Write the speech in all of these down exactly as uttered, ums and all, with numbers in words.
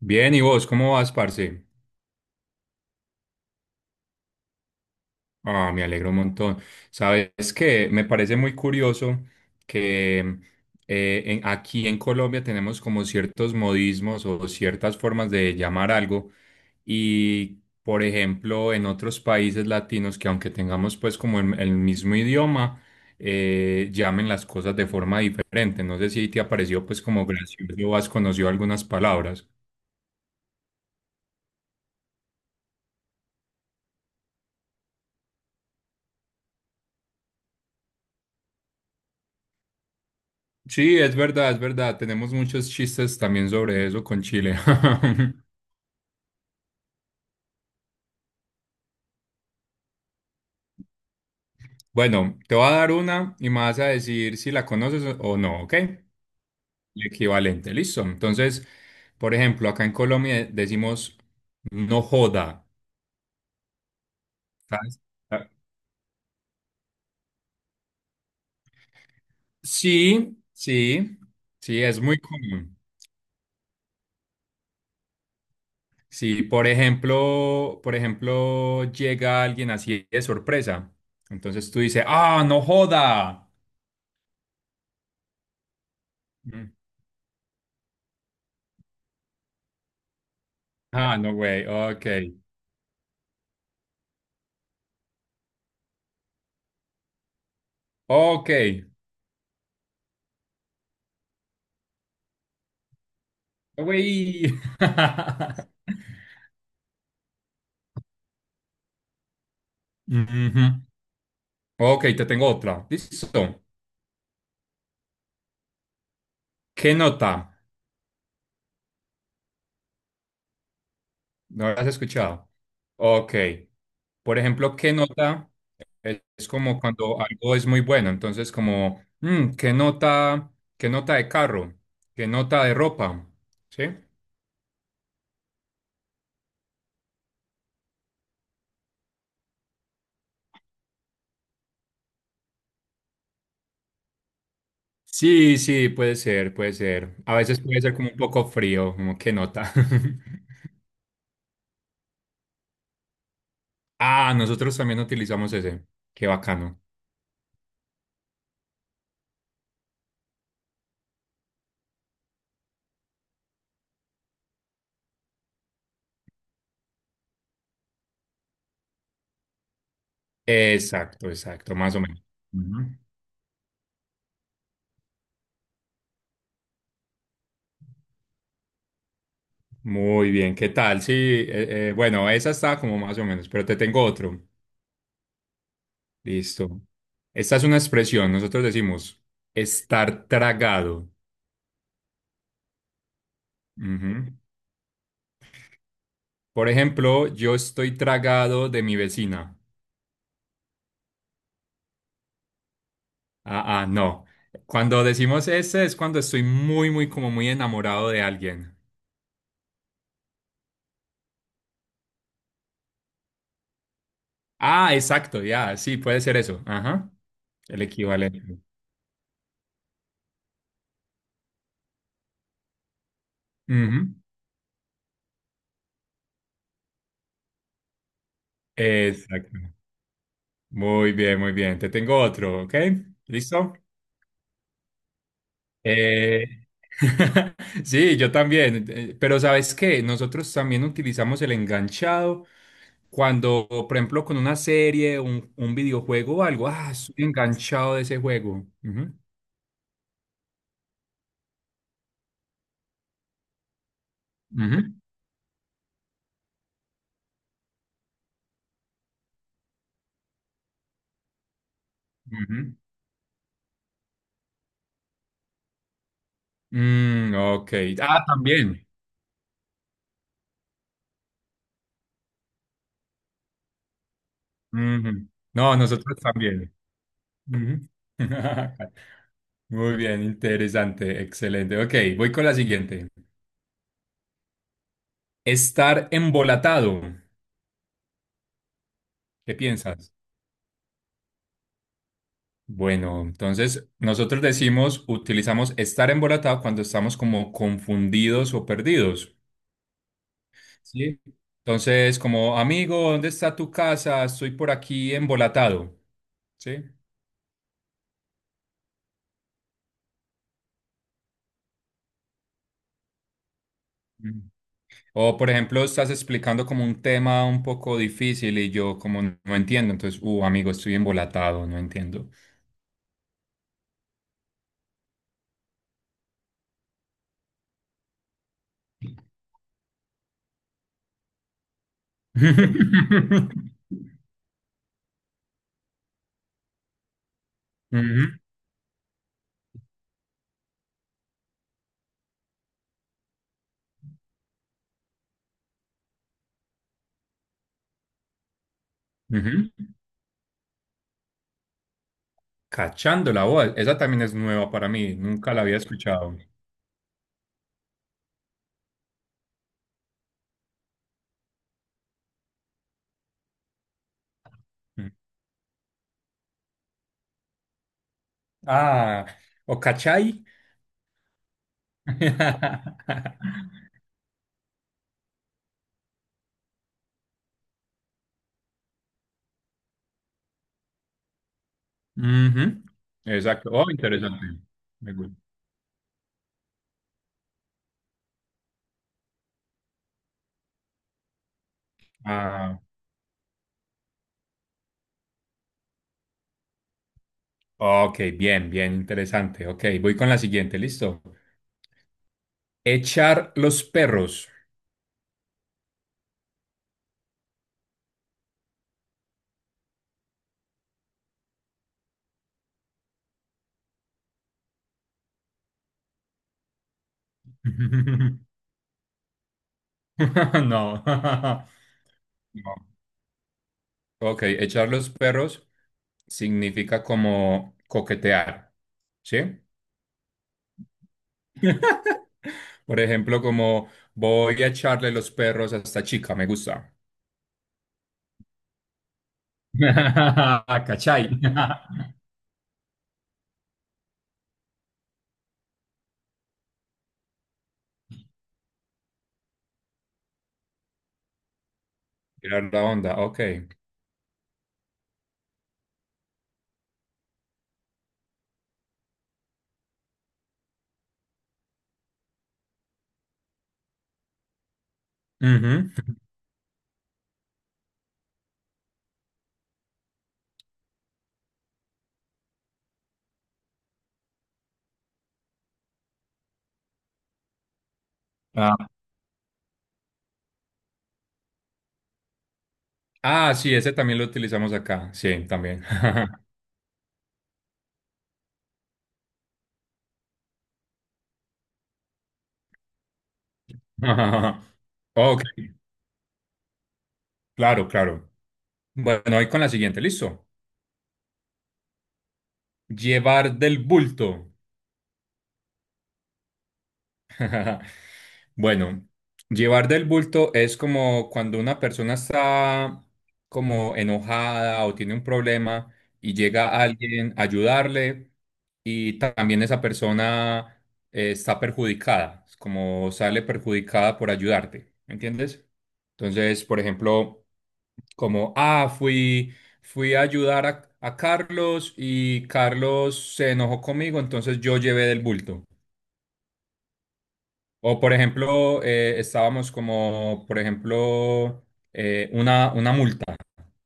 Bien, ¿y vos cómo vas, parce? Ah, me alegro un montón. Sabes que me parece muy curioso que eh, en- aquí en Colombia tenemos como ciertos modismos o ciertas formas de llamar algo y, por ejemplo, en otros países latinos que aunque tengamos pues como el, el mismo idioma, eh, llamen las cosas de forma diferente. No sé si te ha parecido pues como gracioso o has conocido algunas palabras. Sí, es verdad, es verdad. Tenemos muchos chistes también sobre eso con Chile. Bueno, te voy a dar una y me vas a decir si la conoces o o no, ¿ok? El equivalente, listo. Entonces, por ejemplo, acá en Colombia decimos no joda. ¿Sabes? Ah, sí, sí, sí, es muy común. Sí, por ejemplo, por ejemplo, llega alguien así de sorpresa. Entonces tú dices, ah, no joda. Mm. Ah, no, güey, ok. Ok. Güey. Ujú. Ok, te tengo otra. Listo. ¿Qué nota? ¿No la has escuchado? Ok. Por ejemplo, ¿qué nota? Es es como cuando algo es muy bueno. Entonces, como, mm, ¿qué nota? ¿Qué nota de carro? ¿Qué nota de ropa? ¿Sí? Sí, sí, puede ser, puede ser. A veces puede ser como un poco frío, como, ¿qué nota? Ah, nosotros también utilizamos ese. Qué bacano. Exacto, exacto, más o menos. Ujú. Muy bien, ¿qué tal? Sí, eh, eh, bueno, esa está como más o menos, pero te tengo otro. Listo. Esta es una expresión, nosotros decimos estar tragado. Ujú. Por ejemplo, yo estoy tragado de mi vecina. Ah, ah, no. Cuando decimos ese es cuando estoy muy, muy, como muy enamorado de alguien. Ah, exacto, ya, sí, puede ser eso. Ajá. El equivalente. Ujú. Exacto. Muy bien, muy bien. Te tengo otro, ¿ok? ¿Listo? Eh, Sí, yo también. eh, Pero ¿sabes qué? Nosotros también utilizamos el enganchado cuando, por ejemplo, con una serie, un, un videojuego o algo, ah, estoy enganchado de ese juego. Ujú, ujú, ujú. Mm, ok. Ah, también. Ujú. No, nosotros también. Ujú. Muy bien, interesante, excelente. Ok, voy con la siguiente. Estar embolatado. ¿Qué piensas? Bueno, entonces nosotros decimos, utilizamos estar embolatado cuando estamos como confundidos o perdidos. Sí. Entonces, como amigo, ¿dónde está tu casa? Estoy por aquí embolatado. Sí. Mm. O, por ejemplo, estás explicando como un tema un poco difícil y yo como no no entiendo. Entonces, uh, amigo, estoy embolatado, no entiendo. Ujú, ujú. Cachando la voz, esa también es nueva para mí, nunca la había escuchado. Mm. Ah, o cachai. Ujú, exacto, oh, interesante. Me gusta. Ah, ok, bien, bien, interesante. Ok, voy con la siguiente, listo. Echar los perros. No. No. Ok, echar los perros significa como coquetear, ¿sí? Por ejemplo, como voy a echarle los perros a esta chica, me gusta. ¿Cachai? Tirar la onda, ok. Ujú. Ah, ah, sí, ese también lo utilizamos acá. Sí, también. Ok, claro, claro. Bueno, voy con la siguiente, ¿listo? Llevar del bulto. Bueno, llevar del bulto es como cuando una persona está como enojada o tiene un problema y llega alguien a ayudarle y ta- también esa persona eh, está perjudicada, es como sale perjudicada por ayudarte, ¿me ¿entiendes? Entonces, por ejemplo, como, ah, fui, fui a ayudar a, a Carlos y Carlos se enojó conmigo, entonces yo llevé del bulto. O por ejemplo, eh, estábamos como, por ejemplo, eh, una, una multa,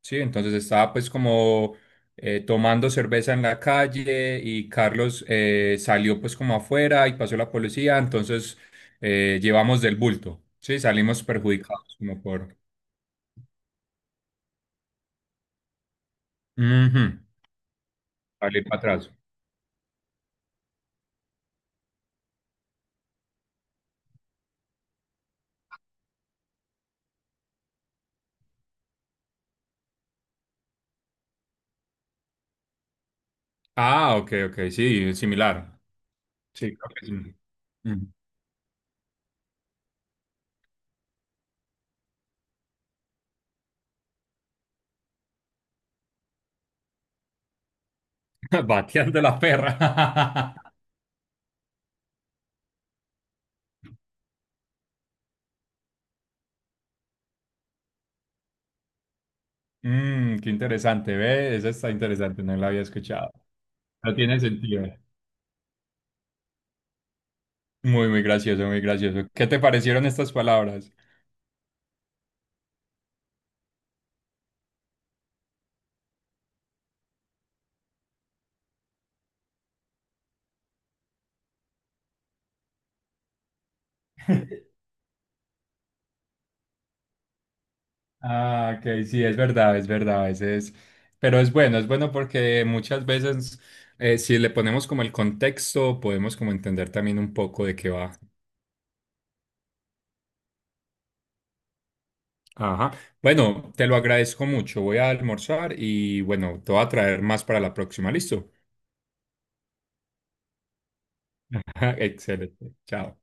¿sí? Entonces estaba pues como eh, tomando cerveza en la calle y Carlos eh, salió pues como afuera y pasó la policía, entonces eh, llevamos del bulto, ¿sí? Salimos perjudicados como por Ujú, salir para atrás. Ah, ok, ok, sí, similar. Sí, creo que sí. Ujú. Bateando la perra. Mm, qué interesante, ¿ve? Eso está interesante, no lo había escuchado. No tiene sentido. Muy, muy gracioso, muy gracioso. ¿Qué te parecieron estas palabras? Ah, ok, sí, es verdad, es verdad, a veces, pero es bueno, es bueno porque muchas veces eh, si le ponemos como el contexto, podemos como entender también un poco de qué va. Ajá. Bueno, te lo agradezco mucho, voy a almorzar y bueno, te voy a traer más para la próxima, ¿listo? Excelente, chao.